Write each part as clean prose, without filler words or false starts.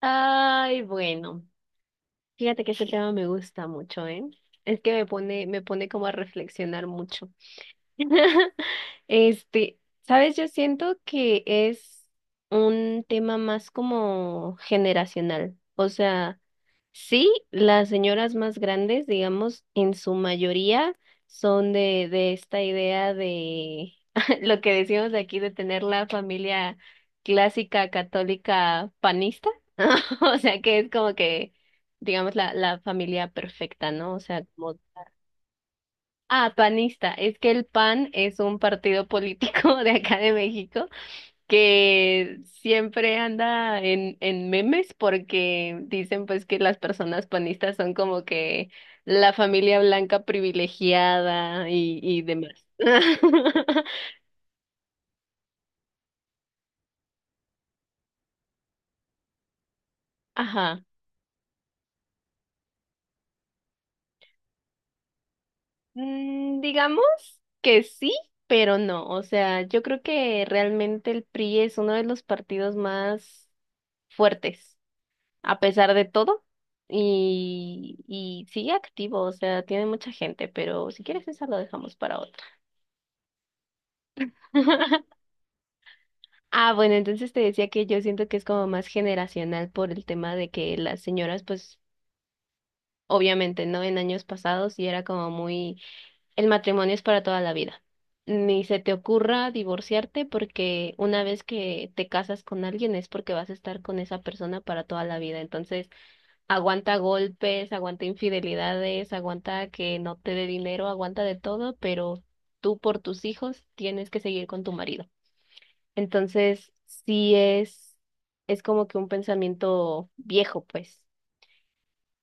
Ay, bueno, fíjate que ese tema me gusta mucho, ¿eh? Es que me pone como a reflexionar mucho. Este, sabes, yo siento que es un tema más como generacional, o sea. Sí, las señoras más grandes, digamos, en su mayoría son de esta idea de lo que decimos aquí de tener la familia clásica católica panista, o sea que es como que, digamos, la familia perfecta, ¿no? O sea, como, ah, panista, es que el PAN es un partido político de acá de México que siempre anda en memes porque dicen pues que las personas panistas son como que la familia blanca privilegiada y demás. Ajá. Mm, digamos que sí, pero no. O sea, yo creo que realmente el PRI es uno de los partidos más fuertes, a pesar de todo. Y sigue activo, o sea, tiene mucha gente, pero si quieres esa lo dejamos para otra. Ah, bueno, entonces te decía que yo siento que es como más generacional por el tema de que las señoras, pues, obviamente, ¿no? En años pasados y era como muy, el matrimonio es para toda la vida. Ni se te ocurra divorciarte porque una vez que te casas con alguien es porque vas a estar con esa persona para toda la vida. Entonces, aguanta golpes, aguanta infidelidades, aguanta que no te dé dinero, aguanta de todo, pero tú por tus hijos tienes que seguir con tu marido. Entonces, sí es como que un pensamiento viejo, pues.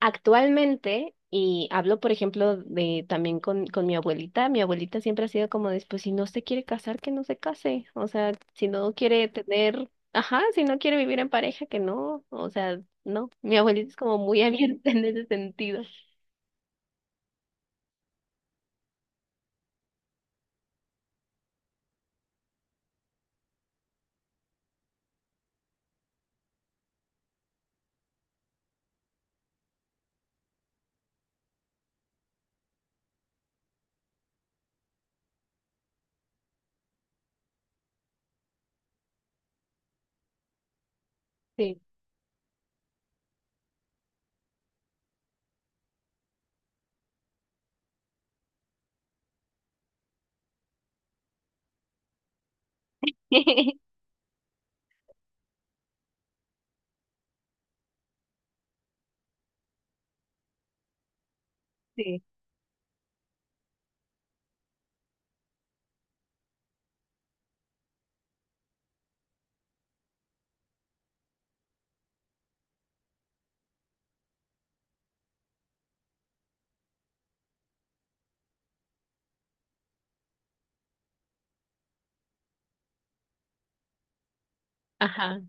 Actualmente, y hablo, por ejemplo, de también con mi abuelita siempre ha sido como de, pues, si no se quiere casar, que no se case. O sea, si no quiere tener, ajá, si no quiere vivir en pareja, que no. O sea, no. Mi abuelita es como muy abierta en ese sentido. Sí. Sí. Ajá.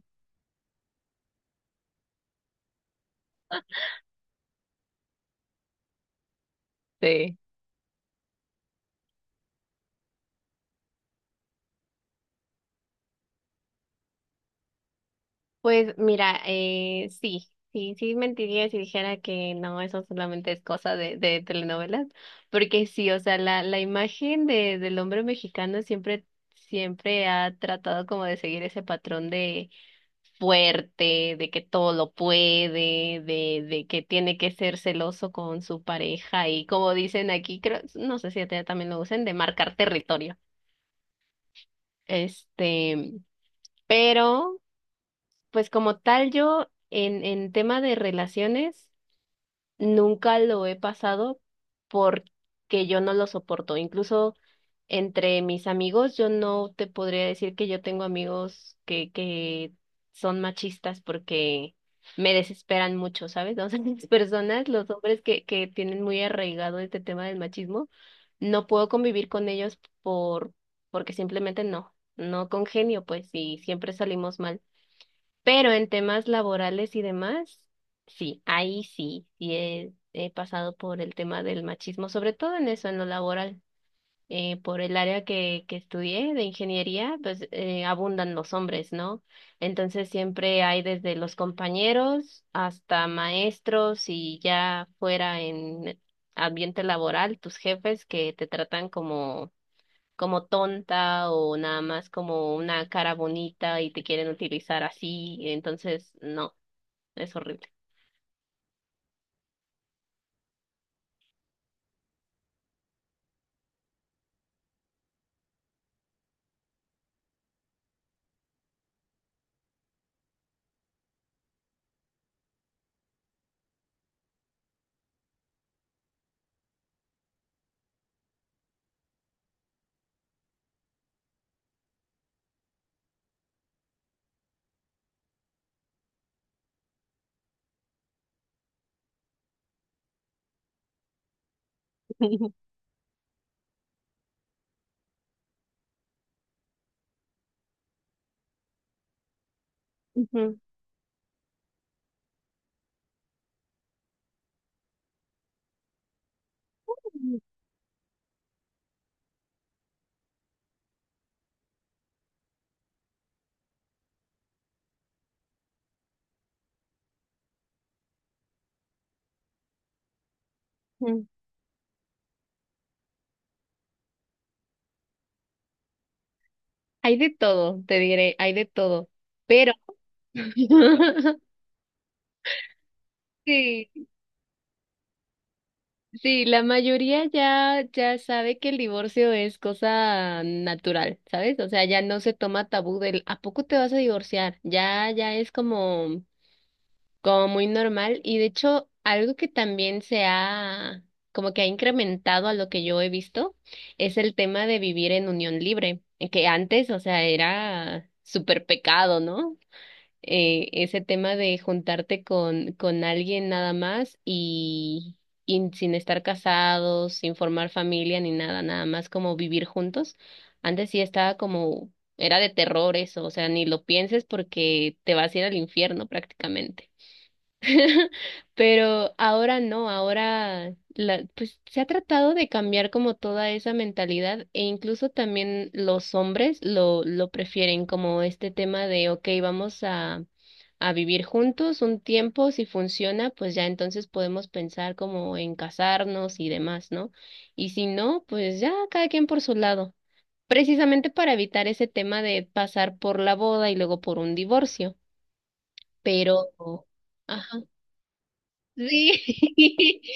Sí. Pues mira, sí, sí, sí mentiría si dijera que no, eso solamente es cosa de telenovelas, porque sí, o sea, la imagen de, del hombre mexicano siempre, siempre ha tratado como de seguir ese patrón de fuerte, de que todo lo puede, de que tiene que ser celoso con su pareja y como dicen aquí, creo, no sé si allá también lo usan, de marcar territorio. Este, pero... Pues como tal, yo en tema de relaciones nunca lo he pasado porque yo no lo soporto. Incluso entre mis amigos, yo no te podría decir que yo tengo amigos que son machistas porque me desesperan mucho, ¿sabes? O sea, las personas, los hombres que tienen muy arraigado este tema del machismo, no puedo convivir con ellos por, porque simplemente no, no congenio, pues, y siempre salimos mal. Pero en temas laborales y demás, sí, ahí sí, he pasado por el tema del machismo, sobre todo en eso, en lo laboral. Por el área que estudié de ingeniería, pues abundan los hombres, ¿no? Entonces siempre hay desde los compañeros hasta maestros y ya fuera en ambiente laboral, tus jefes que te tratan como tonta o nada más como una cara bonita y te quieren utilizar así, entonces no, es horrible. Ujú, ujú. Hay de todo, te diré, hay de todo. Pero sí, sí, la mayoría ya, ya sabe que el divorcio es cosa natural, ¿sabes? O sea, ya no se toma tabú del ¿a poco te vas a divorciar? Ya, ya es como como muy normal y de hecho algo que también se ha como que ha incrementado a lo que yo he visto es el tema de vivir en unión libre, que antes, o sea, era súper pecado, ¿no? Ese tema de juntarte con alguien nada más y sin estar casados, sin formar familia ni nada, nada más como vivir juntos. Antes sí estaba como, era de terror eso, o sea, ni lo pienses porque te vas a ir al infierno prácticamente. Pero ahora no, ahora la, pues se ha tratado de cambiar como toda esa mentalidad e incluso también los hombres lo prefieren como este tema de, ok, vamos a vivir juntos un tiempo, si funciona, pues ya entonces podemos pensar como en casarnos y demás, ¿no? Y si no, pues ya cada quien por su lado, precisamente para evitar ese tema de pasar por la boda y luego por un divorcio, pero... Ajá. Sí.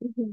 Ujú.